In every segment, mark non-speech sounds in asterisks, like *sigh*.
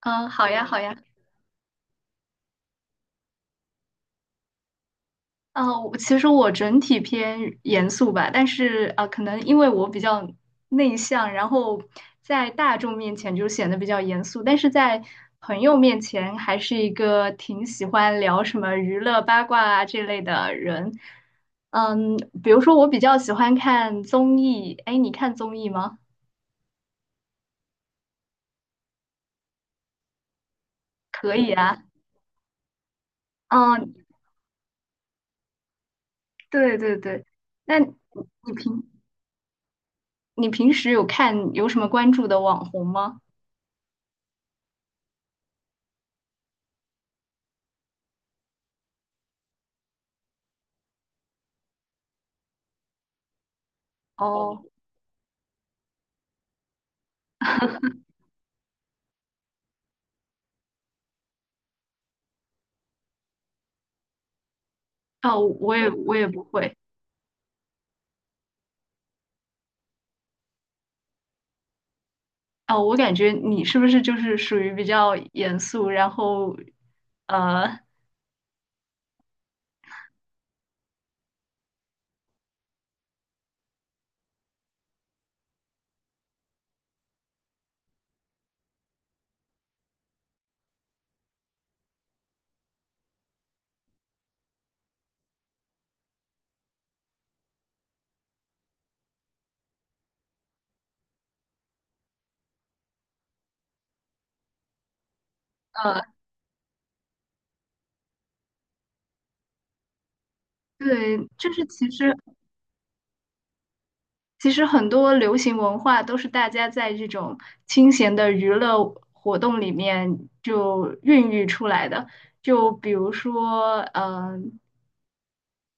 嗯，好呀，好呀。嗯，我其实整体偏严肃吧，但是啊，可能因为我比较内向，然后在大众面前就显得比较严肃，但是在朋友面前还是一个挺喜欢聊什么娱乐八卦啊这类的人。嗯，比如说我比较喜欢看综艺，哎，你看综艺吗？可以嗯啊。嗯，对对对。那你平你平时有什么关注的网红吗？哦哦。*laughs* 哦，我也不会。哦，我感觉你是不是就是属于比较严肃，然后，呃呃，对，就是其实很多流行文化都是大家在这种清闲的娱乐活动里面就孕育出来的。就比如说，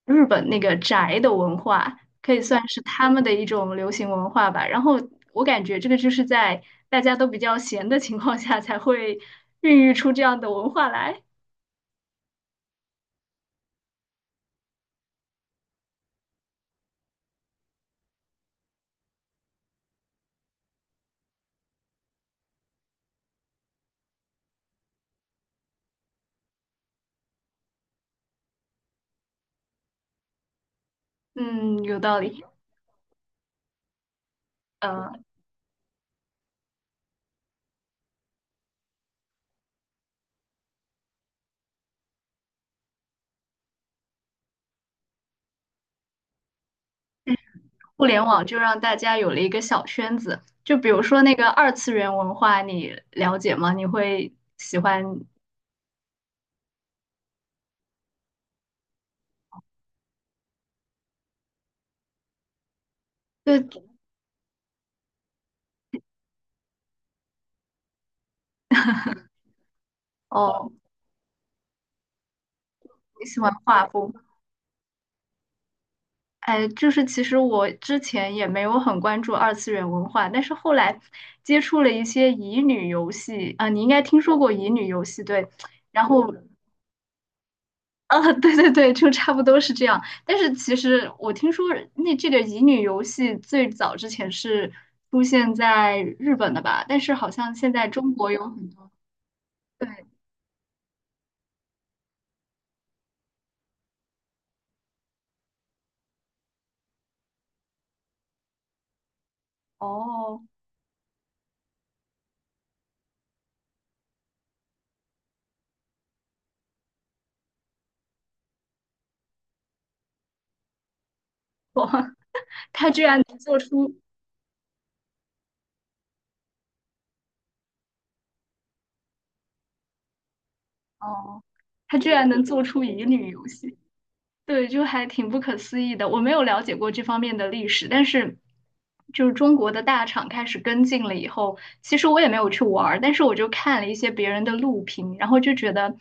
日本那个宅的文化，可以算是他们的一种流行文化吧。然后我感觉这个就是在大家都比较闲的情况下才会孕育出这样的文化来。嗯，有道理。呃，互联网就让大家有了一个小圈子。就比如说那个二次元文化，你了解吗？你会喜欢？对，哦，你喜欢画风。哎，就是其实我之前也没有很关注二次元文化，但是后来接触了一些乙女游戏啊，你应该听说过乙女游戏，对，然后 *laughs* 啊，对对对，就差不多是这样。但是其实我听说那这个乙女游戏最早之前是出现在日本的吧，但是好像现在中国有很多，对，哦，*laughs* 他居然能做出，哦，他居然能做出乙女游戏。对，就还挺不可思议的。我没有了解过这方面的历史，但是就是中国的大厂开始跟进了以后，其实我也没有去玩儿，但是我就看了一些别人的录屏，然后就觉得，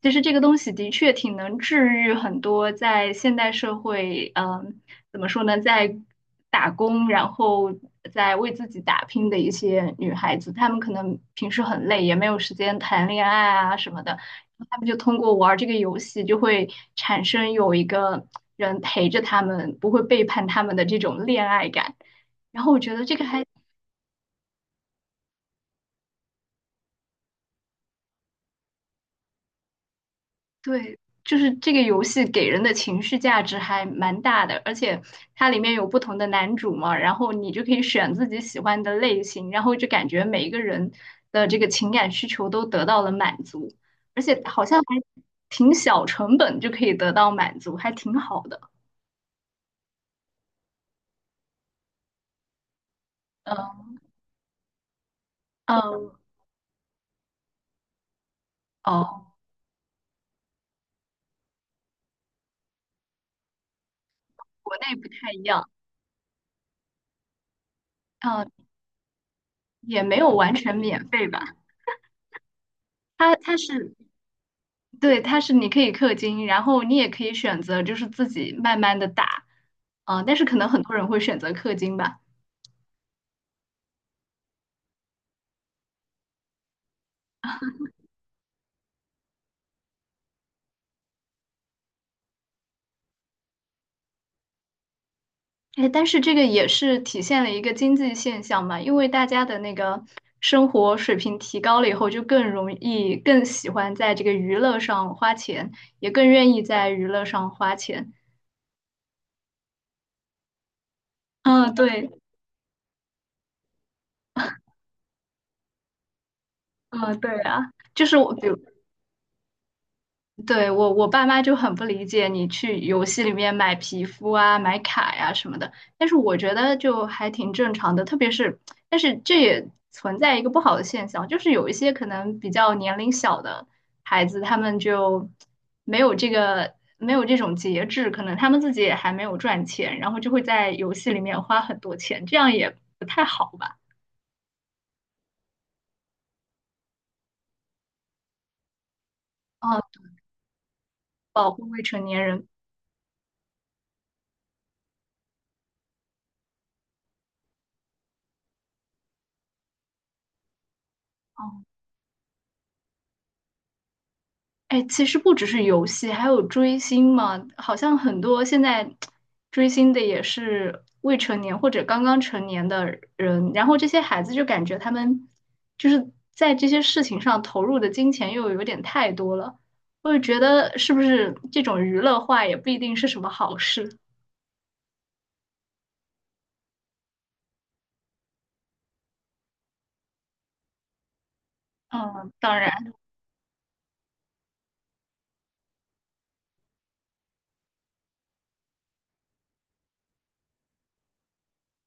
其实这个东西的确挺能治愈很多在现代社会，嗯，怎么说呢，在打工，然后在为自己打拼的一些女孩子，她们可能平时很累，也没有时间谈恋爱啊什么的。他们就通过玩儿这个游戏，就会产生有一个人陪着他们，不会背叛他们的这种恋爱感。然后我觉得这个还对，就是这个游戏给人的情绪价值还蛮大的，而且它里面有不同的男主嘛，然后你就可以选自己喜欢的类型，然后就感觉每一个人的这个情感需求都得到了满足，而且好像还挺小成本就可以得到满足，还挺好的。嗯嗯，哦。国内不太一样，嗯，也没有完全免费吧。它是对，它是你可以氪金，然后你也可以选择就是自己慢慢的打，嗯，但是可能很多人会选择氪金吧。哎，但是这个也是体现了一个经济现象嘛，因为大家的那个生活水平提高了以后，就更容易、更喜欢在这个娱乐上花钱，也更愿意在娱乐上花钱。嗯，对，嗯，对啊，就是我，比如对，我爸妈就很不理解你去游戏里面买皮肤啊、买卡呀、什么的，但是我觉得就还挺正常的，特别是，但是这也存在一个不好的现象，就是有一些可能比较年龄小的孩子，他们就没有这种节制，可能他们自己也还没有赚钱，然后就会在游戏里面花很多钱，这样也不太好吧？嗯，保护未成年人。哦哎，其实不只是游戏，还有追星嘛。好像很多现在追星的也是未成年或者刚刚成年的人，然后这些孩子就感觉他们就是在这些事情上投入的金钱又有点太多了。我就觉得是不是这种娱乐化也不一定是什么好事。嗯，当然，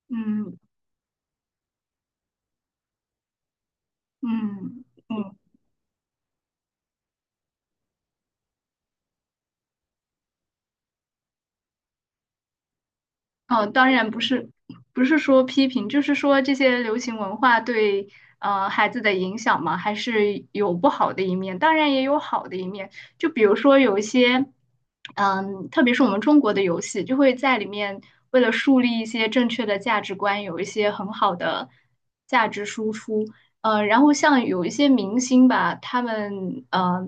嗯嗯嗯。嗯，当然不是，不是说批评，就是说这些流行文化对孩子的影响嘛，还是有不好的一面，当然也有好的一面。就比如说有一些，嗯，特别是我们中国的游戏，就会在里面为了树立一些正确的价值观，有一些很好的价值输出。然后像有一些明星吧，他们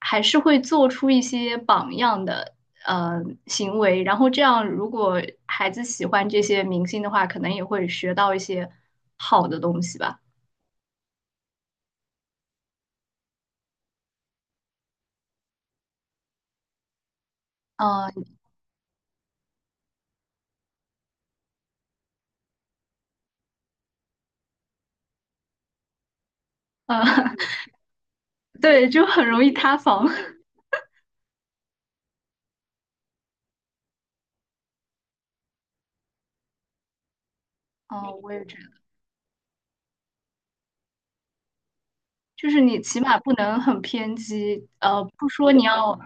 还是会做出一些榜样的。行为，然后这样如果孩子喜欢这些明星的话，可能也会学到一些好的东西吧。嗯、呃嗯，*laughs* 对，就很容易塌房。*laughs* 嗯、我也觉得，就是你起码不能很偏激，不说你要，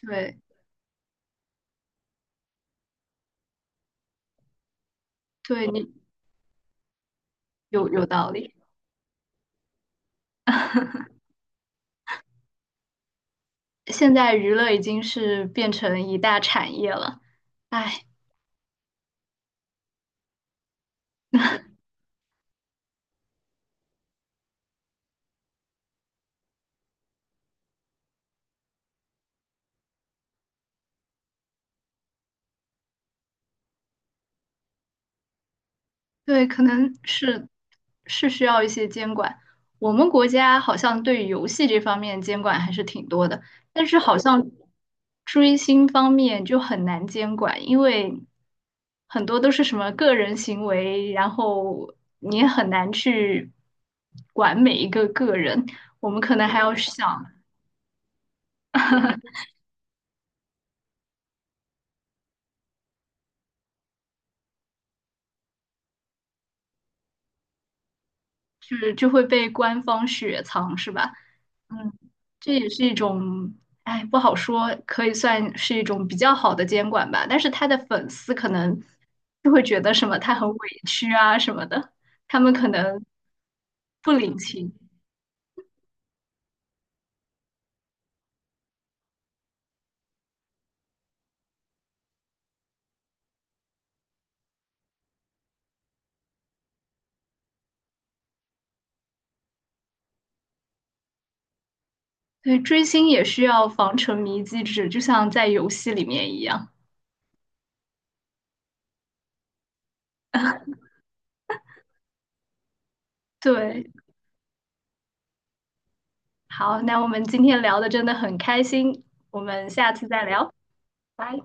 对对，有道理。*laughs* 现在娱乐已经是变成一大产业了，唉。对，可能是是需要一些监管。我们国家好像对游戏这方面监管还是挺多的，但是好像追星方面就很难监管，因为很多都是什么个人行为，然后你也很难去管每一个个人。我们可能还要想，*laughs* 是就会被官方雪藏，是吧？嗯，这也是一种，哎，不好说，可以算是一种比较好的监管吧。但是他的粉丝可能就会觉得什么他很委屈啊什么的，他们可能不领情。对，追星也需要防沉迷机制，就像在游戏里面一样。对，好，那我们今天聊的真的很开心，我们下次再聊，拜。